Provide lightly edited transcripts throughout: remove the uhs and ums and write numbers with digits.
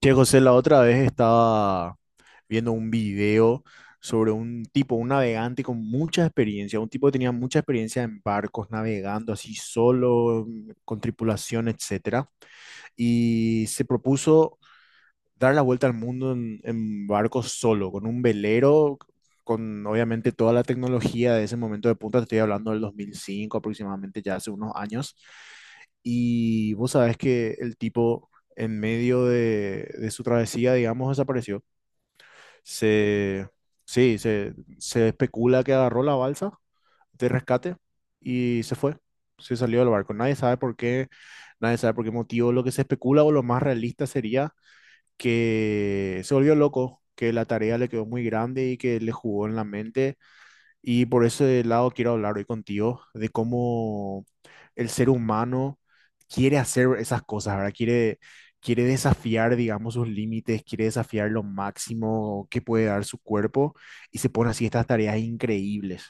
Che, José, la otra vez estaba viendo un video sobre un tipo, un navegante con mucha experiencia, un tipo que tenía mucha experiencia en barcos, navegando así solo, con tripulación, etcétera, y se propuso dar la vuelta al mundo en barco solo, con un velero, con obviamente toda la tecnología de ese momento de punta. Te estoy hablando del 2005 aproximadamente, ya hace unos años. Y vos sabés que el tipo en medio de su travesía, digamos, desapareció. Se, sí, se especula que agarró la balsa de rescate y se fue. Se salió del barco. Nadie sabe por qué, nadie sabe por qué motivo. Lo que se especula o lo más realista sería que se volvió loco, que la tarea le quedó muy grande y que le jugó en la mente. Y por ese lado quiero hablar hoy contigo de cómo el ser humano quiere hacer esas cosas, ¿verdad? Quiere desafiar, digamos, sus límites, quiere desafiar lo máximo que puede dar su cuerpo y se pone así estas tareas increíbles.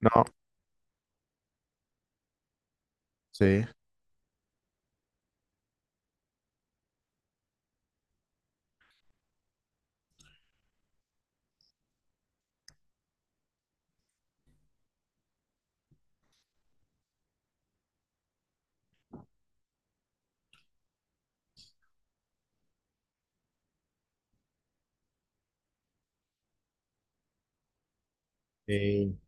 No, sí. Sí,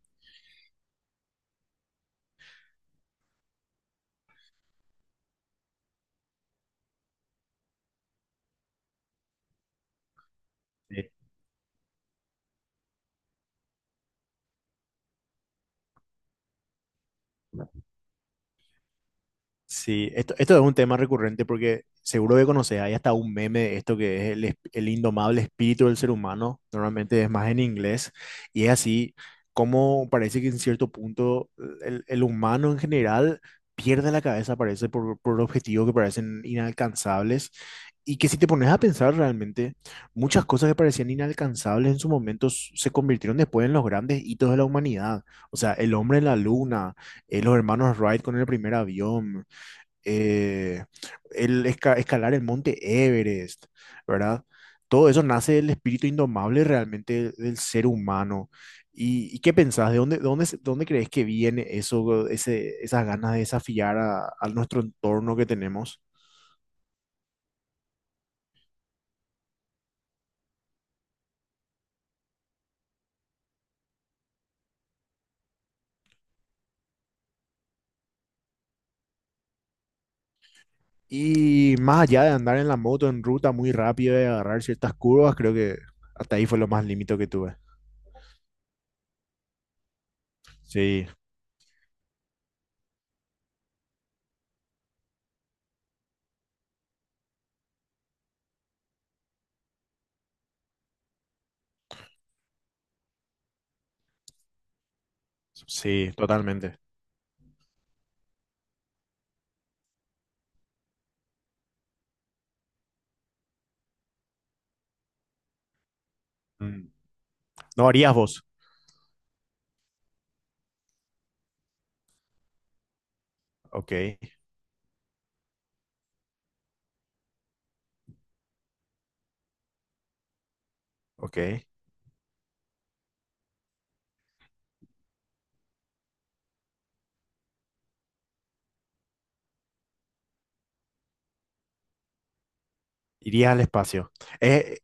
sí. Sí, esto es un tema recurrente porque seguro que conoces, hay hasta un meme de esto que es el indomable espíritu del ser humano, normalmente es más en inglés, y es así como parece que en cierto punto el humano en general pierde la cabeza, parece, por objetivos que parecen inalcanzables, y que si te pones a pensar realmente, muchas cosas que parecían inalcanzables en su momento se convirtieron después en los grandes hitos de la humanidad. O sea, el hombre en la luna, los hermanos Wright con el primer avión, eh, el escalar el monte Everest, ¿verdad? Todo eso nace del espíritu indomable realmente del ser humano. Y qué pensás? ¿De dónde, dónde crees que viene eso, ese, esas ganas de desafiar a nuestro entorno que tenemos? Y más allá de andar en la moto en ruta muy rápido y agarrar ciertas curvas, creo que hasta ahí fue lo más límite que tuve. Sí, sí, totalmente. Mm. ¿No harías vos? Ok, ok. Irías al espacio. Es,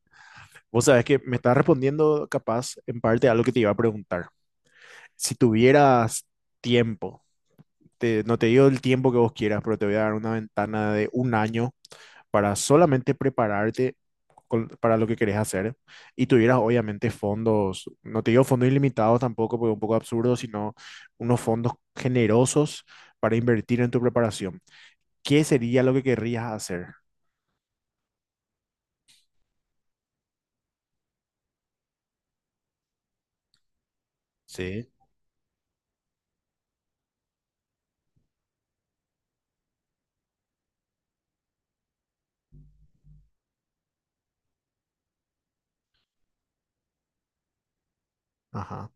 vos sabés que me estás respondiendo capaz en parte a lo que te iba a preguntar. Si tuvieras tiempo, no te digo el tiempo que vos quieras, pero te voy a dar una ventana de un año para solamente prepararte para lo que querés hacer y tuvieras obviamente fondos, no te digo fondos ilimitados tampoco, porque es un poco absurdo, sino unos fondos generosos para invertir en tu preparación. ¿Qué sería lo que querrías hacer? Sí. Ajá,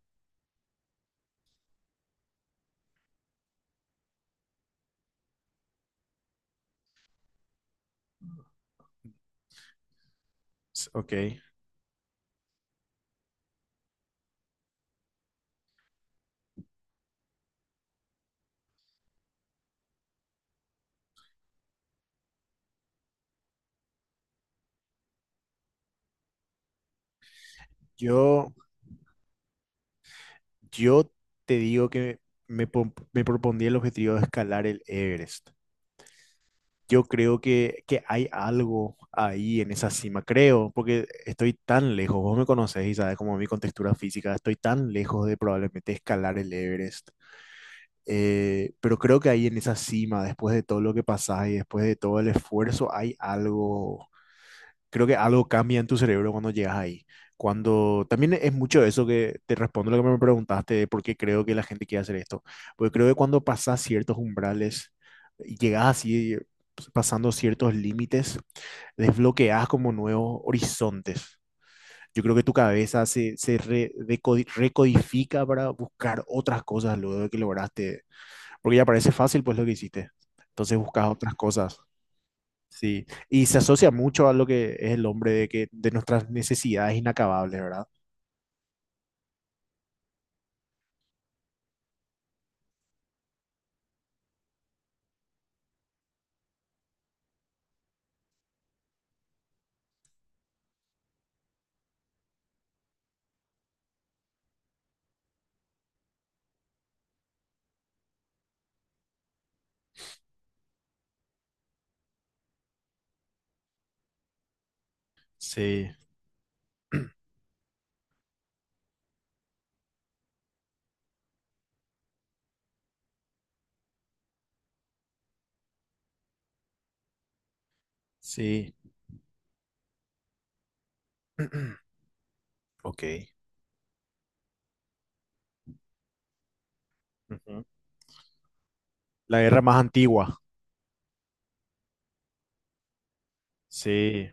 s- ok. Yo Yo te digo que me propondría el objetivo de escalar el Everest. Yo creo que hay algo ahí en esa cima, creo, porque estoy tan lejos, vos me conocés y sabes como mi contextura física, estoy tan lejos de probablemente escalar el Everest. Pero creo que ahí en esa cima, después de todo lo que pasás y después de todo el esfuerzo, hay algo, creo que algo cambia en tu cerebro cuando llegas ahí. Cuando también es mucho eso que te respondo lo que me preguntaste de por qué creo que la gente quiere hacer esto. Porque creo que cuando pasas ciertos umbrales y llegas así, pues, pasando ciertos límites, desbloqueas como nuevos horizontes. Yo creo que tu cabeza recodifica para buscar otras cosas luego de que lograste. Porque ya parece fácil, pues lo que hiciste. Entonces buscas otras cosas. Sí, y se asocia mucho a lo que es el hombre de que de nuestras necesidades inacabables, ¿verdad? Sí, sí. Ok. Ujú. La guerra más antigua. Sí,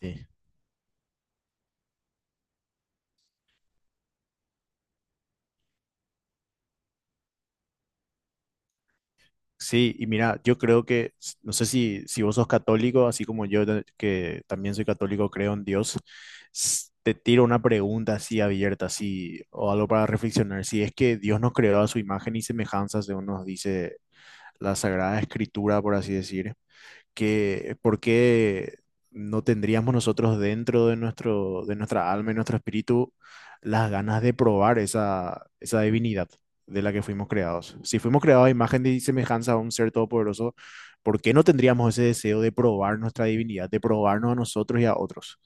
sí. Sí, y mira, yo creo que, s- no sé si, si vos sos católico, así como yo, ta- que también soy católico, creo en Dios, s- te tiro una pregunta así abierta, así, o algo para reflexionar. Si es que Dios nos creó a su imagen y semejanza, según nos dice la Sagrada Escritura, por así decir, que, ¿por qué no tendríamos nosotros dentro de nuestro, de nuestra alma y nuestro espíritu las ganas de probar esa, esa divinidad de la que fuimos creados? Si fuimos creados a imagen y semejanza a un ser todopoderoso, ¿por qué no tendríamos ese deseo de probar nuestra divinidad, de probarnos a nosotros y a otros?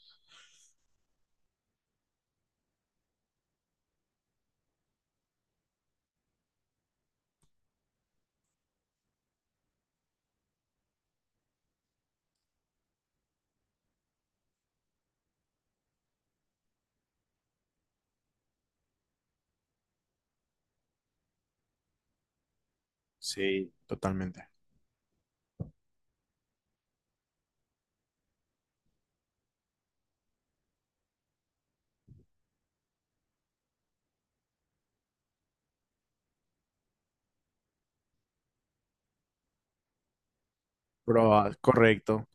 Sí, totalmente. Probar, correcto.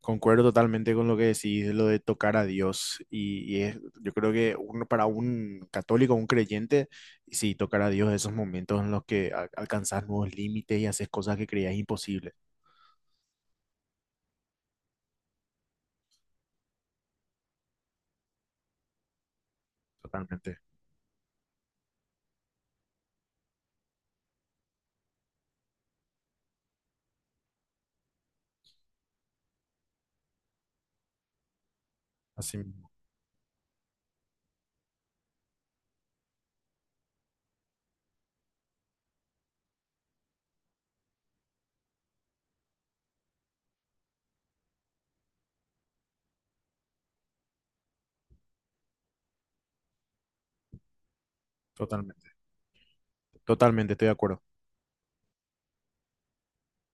Concuerdo totalmente con lo que decís, lo de tocar a Dios. Yo creo que uno, para un católico, un creyente, sí, tocar a Dios, esos momentos en los que alcanzas nuevos límites y haces cosas que creías imposibles. Totalmente. Así mismo. Totalmente. Totalmente, estoy de acuerdo.